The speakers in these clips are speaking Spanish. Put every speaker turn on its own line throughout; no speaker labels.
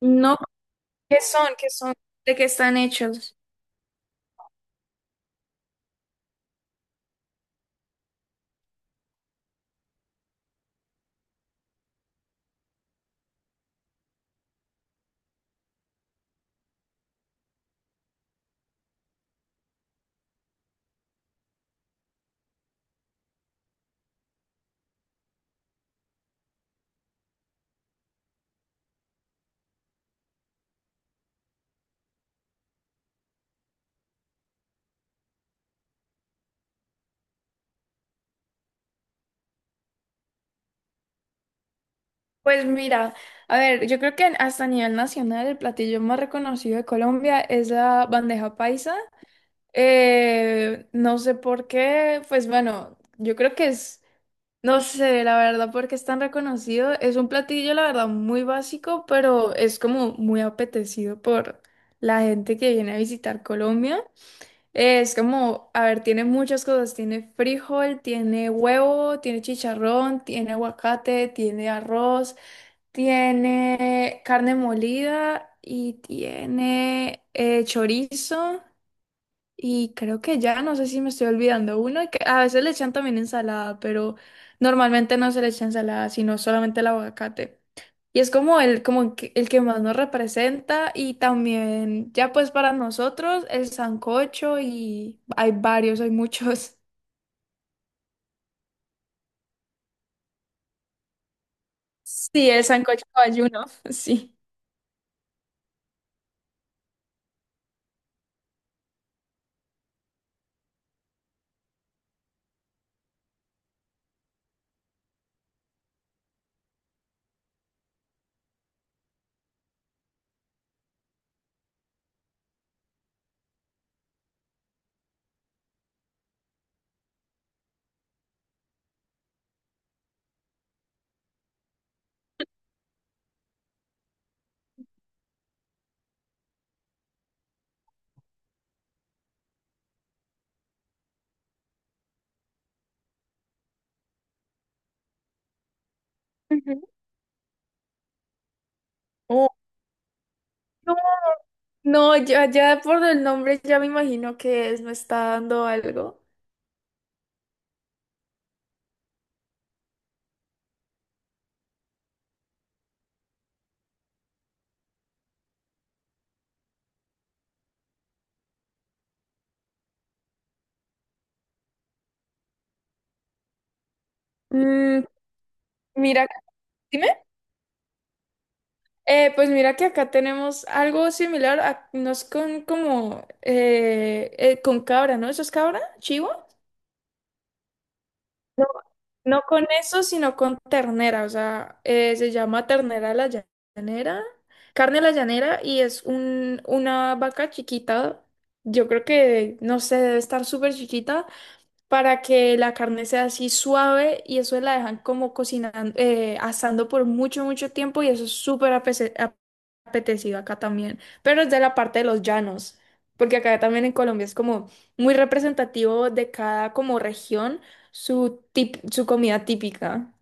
No, ¿qué son? ¿Qué son? ¿De qué están hechos? Pues mira, a ver, yo creo que hasta a nivel nacional el platillo más reconocido de Colombia es la bandeja paisa. No sé por qué, pues bueno, yo creo que es, no sé, la verdad, por qué es tan reconocido. Es un platillo, la verdad, muy básico, pero es como muy apetecido por la gente que viene a visitar Colombia. Es como, a ver, tiene muchas cosas. Tiene frijol, tiene huevo, tiene chicharrón, tiene aguacate, tiene arroz, tiene carne molida y tiene chorizo. Y creo que ya, no sé si me estoy olvidando uno, y que a veces le echan también ensalada, pero normalmente no se le echa ensalada, sino solamente el aguacate. Y es como el, como que- el que más nos representa y también ya pues para nosotros el sancocho y hay varios, hay muchos. Sí, el sancocho ayuno, sí. Oh, no, no, ya, ya por el nombre ya me imagino que es, me está dando algo. Mm, mira, dime. Pues mira que acá tenemos algo similar, a- no es con como con cabra, ¿no? ¿Eso es cabra? ¿Chivo? No, no con eso, sino con ternera, o sea, se llama ternera a la llanera, carne a la llanera y es un, una vaca chiquita, yo creo que, no sé, debe estar súper chiquita para que la carne sea así suave y eso la dejan como cocinando, asando por mucho, mucho tiempo y eso es súper apese- ap- apetecido acá también, pero es de la parte de los llanos, porque acá también en Colombia es como muy representativo de cada como región su, tip- su comida típica.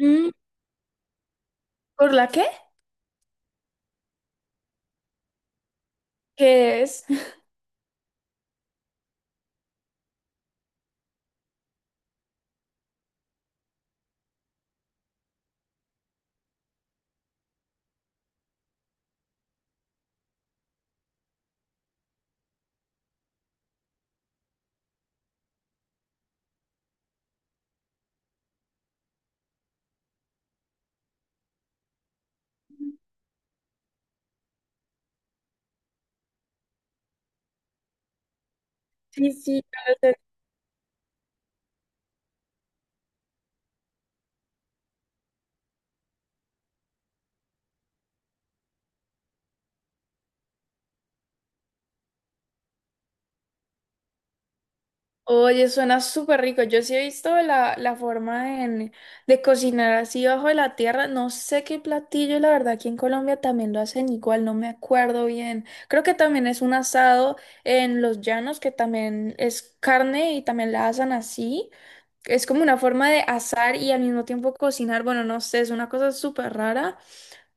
Mm, ¿por la qué? ¿Qué es? Sí, sí. Oye, suena súper rico. Yo sí he visto la, la forma en- de cocinar así bajo de la tierra. No sé qué platillo, la verdad, aquí en Colombia también lo hacen igual, no me acuerdo bien. Creo que también es un asado en los llanos, que también es carne y también la asan así. Es como una forma de asar y al mismo tiempo cocinar. Bueno, no sé, es una cosa súper rara.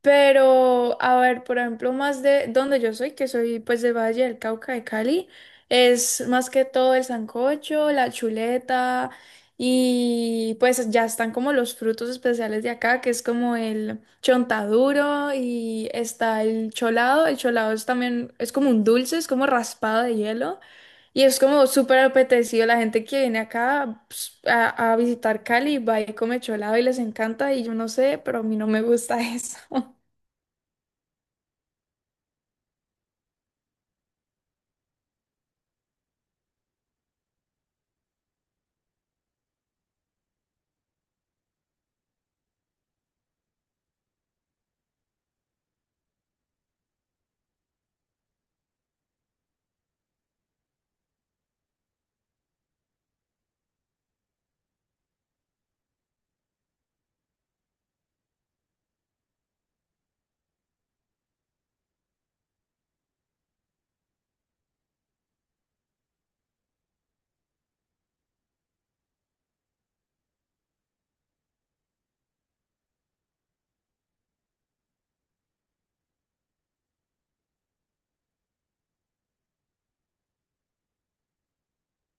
Pero, a ver, por ejemplo, más de donde yo soy, que soy pues del Valle del Cauca de Cali, es más que todo el sancocho, la chuleta y pues ya están como los frutos especiales de acá, que es como el chontaduro y está el cholado. El cholado es también, es como un dulce, es como raspado de hielo. Y es como súper apetecido. La gente que viene acá ps, a visitar Cali va y come cholado y les encanta. Y yo no sé, pero a mí no me gusta eso.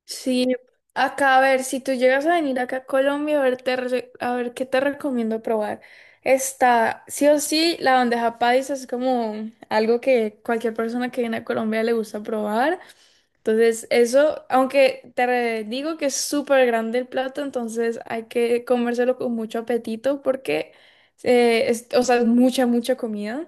Sí, acá a ver, si tú llegas a venir acá a Colombia, a ver, te re- a ver qué te recomiendo probar. Está, sí o sí, la bandeja paisa es como algo que cualquier persona que viene a Colombia le gusta probar. Entonces, eso, aunque te re- digo que es súper grande el plato, entonces hay que comérselo con mucho apetito porque, es- o sea, es mucha, mucha comida.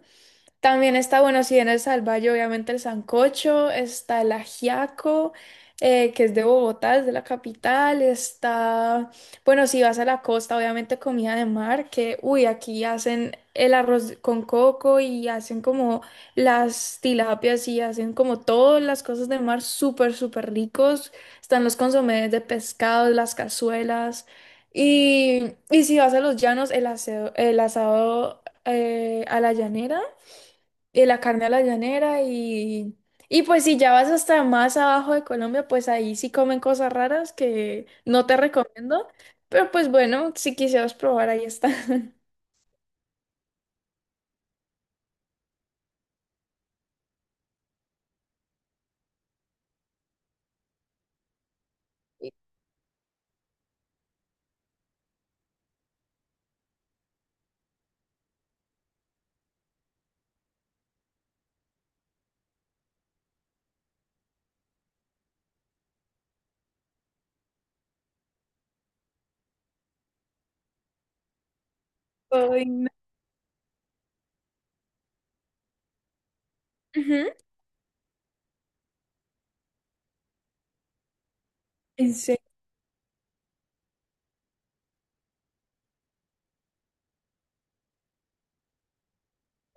También está, bueno, si en el Salvalle, obviamente el sancocho, está el ajiaco, que es de Bogotá, es de la capital, está, bueno, si vas a la costa, obviamente comida de mar, que, uy, aquí hacen el arroz con coco y hacen como las tilapias y hacen como todas las cosas de mar súper, súper ricos. Están los consomés de pescado, las cazuelas. Y si vas a los llanos, el aseo- el asado a la llanera. Y la carne a la llanera y... Y pues si ya vas hasta más abajo de Colombia, pues ahí sí comen cosas raras que no te recomiendo. Pero pues bueno, si quisieras probar, ahí está. Ay, no. Ujú. ¿En serio?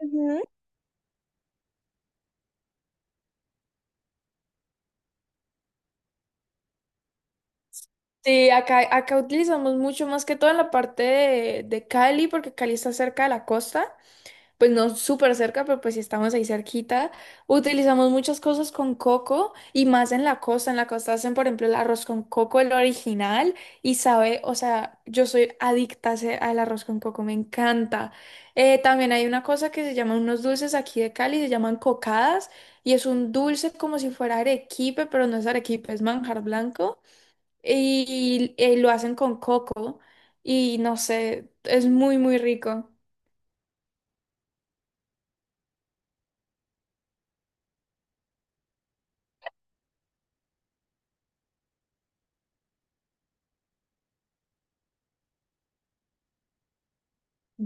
Ujú. Sí, acá, acá utilizamos mucho más que todo en la parte de Cali, porque Cali está cerca de la costa. Pues no súper cerca, pero pues sí estamos ahí cerquita. Utilizamos muchas cosas con coco y más en la costa. En la costa hacen, por ejemplo, el arroz con coco, el original, y sabe, o sea, yo soy adicta a ese- al arroz con coco, me encanta. También hay una cosa que se llaman unos dulces aquí de Cali, se llaman cocadas, y es un dulce como si fuera arequipe, pero no es arequipe, es manjar blanco, y, lo hacen con coco, y no sé, es muy, muy rico.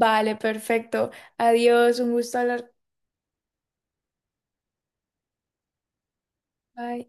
Vale, perfecto. Adiós, un gusto hablar. Bye.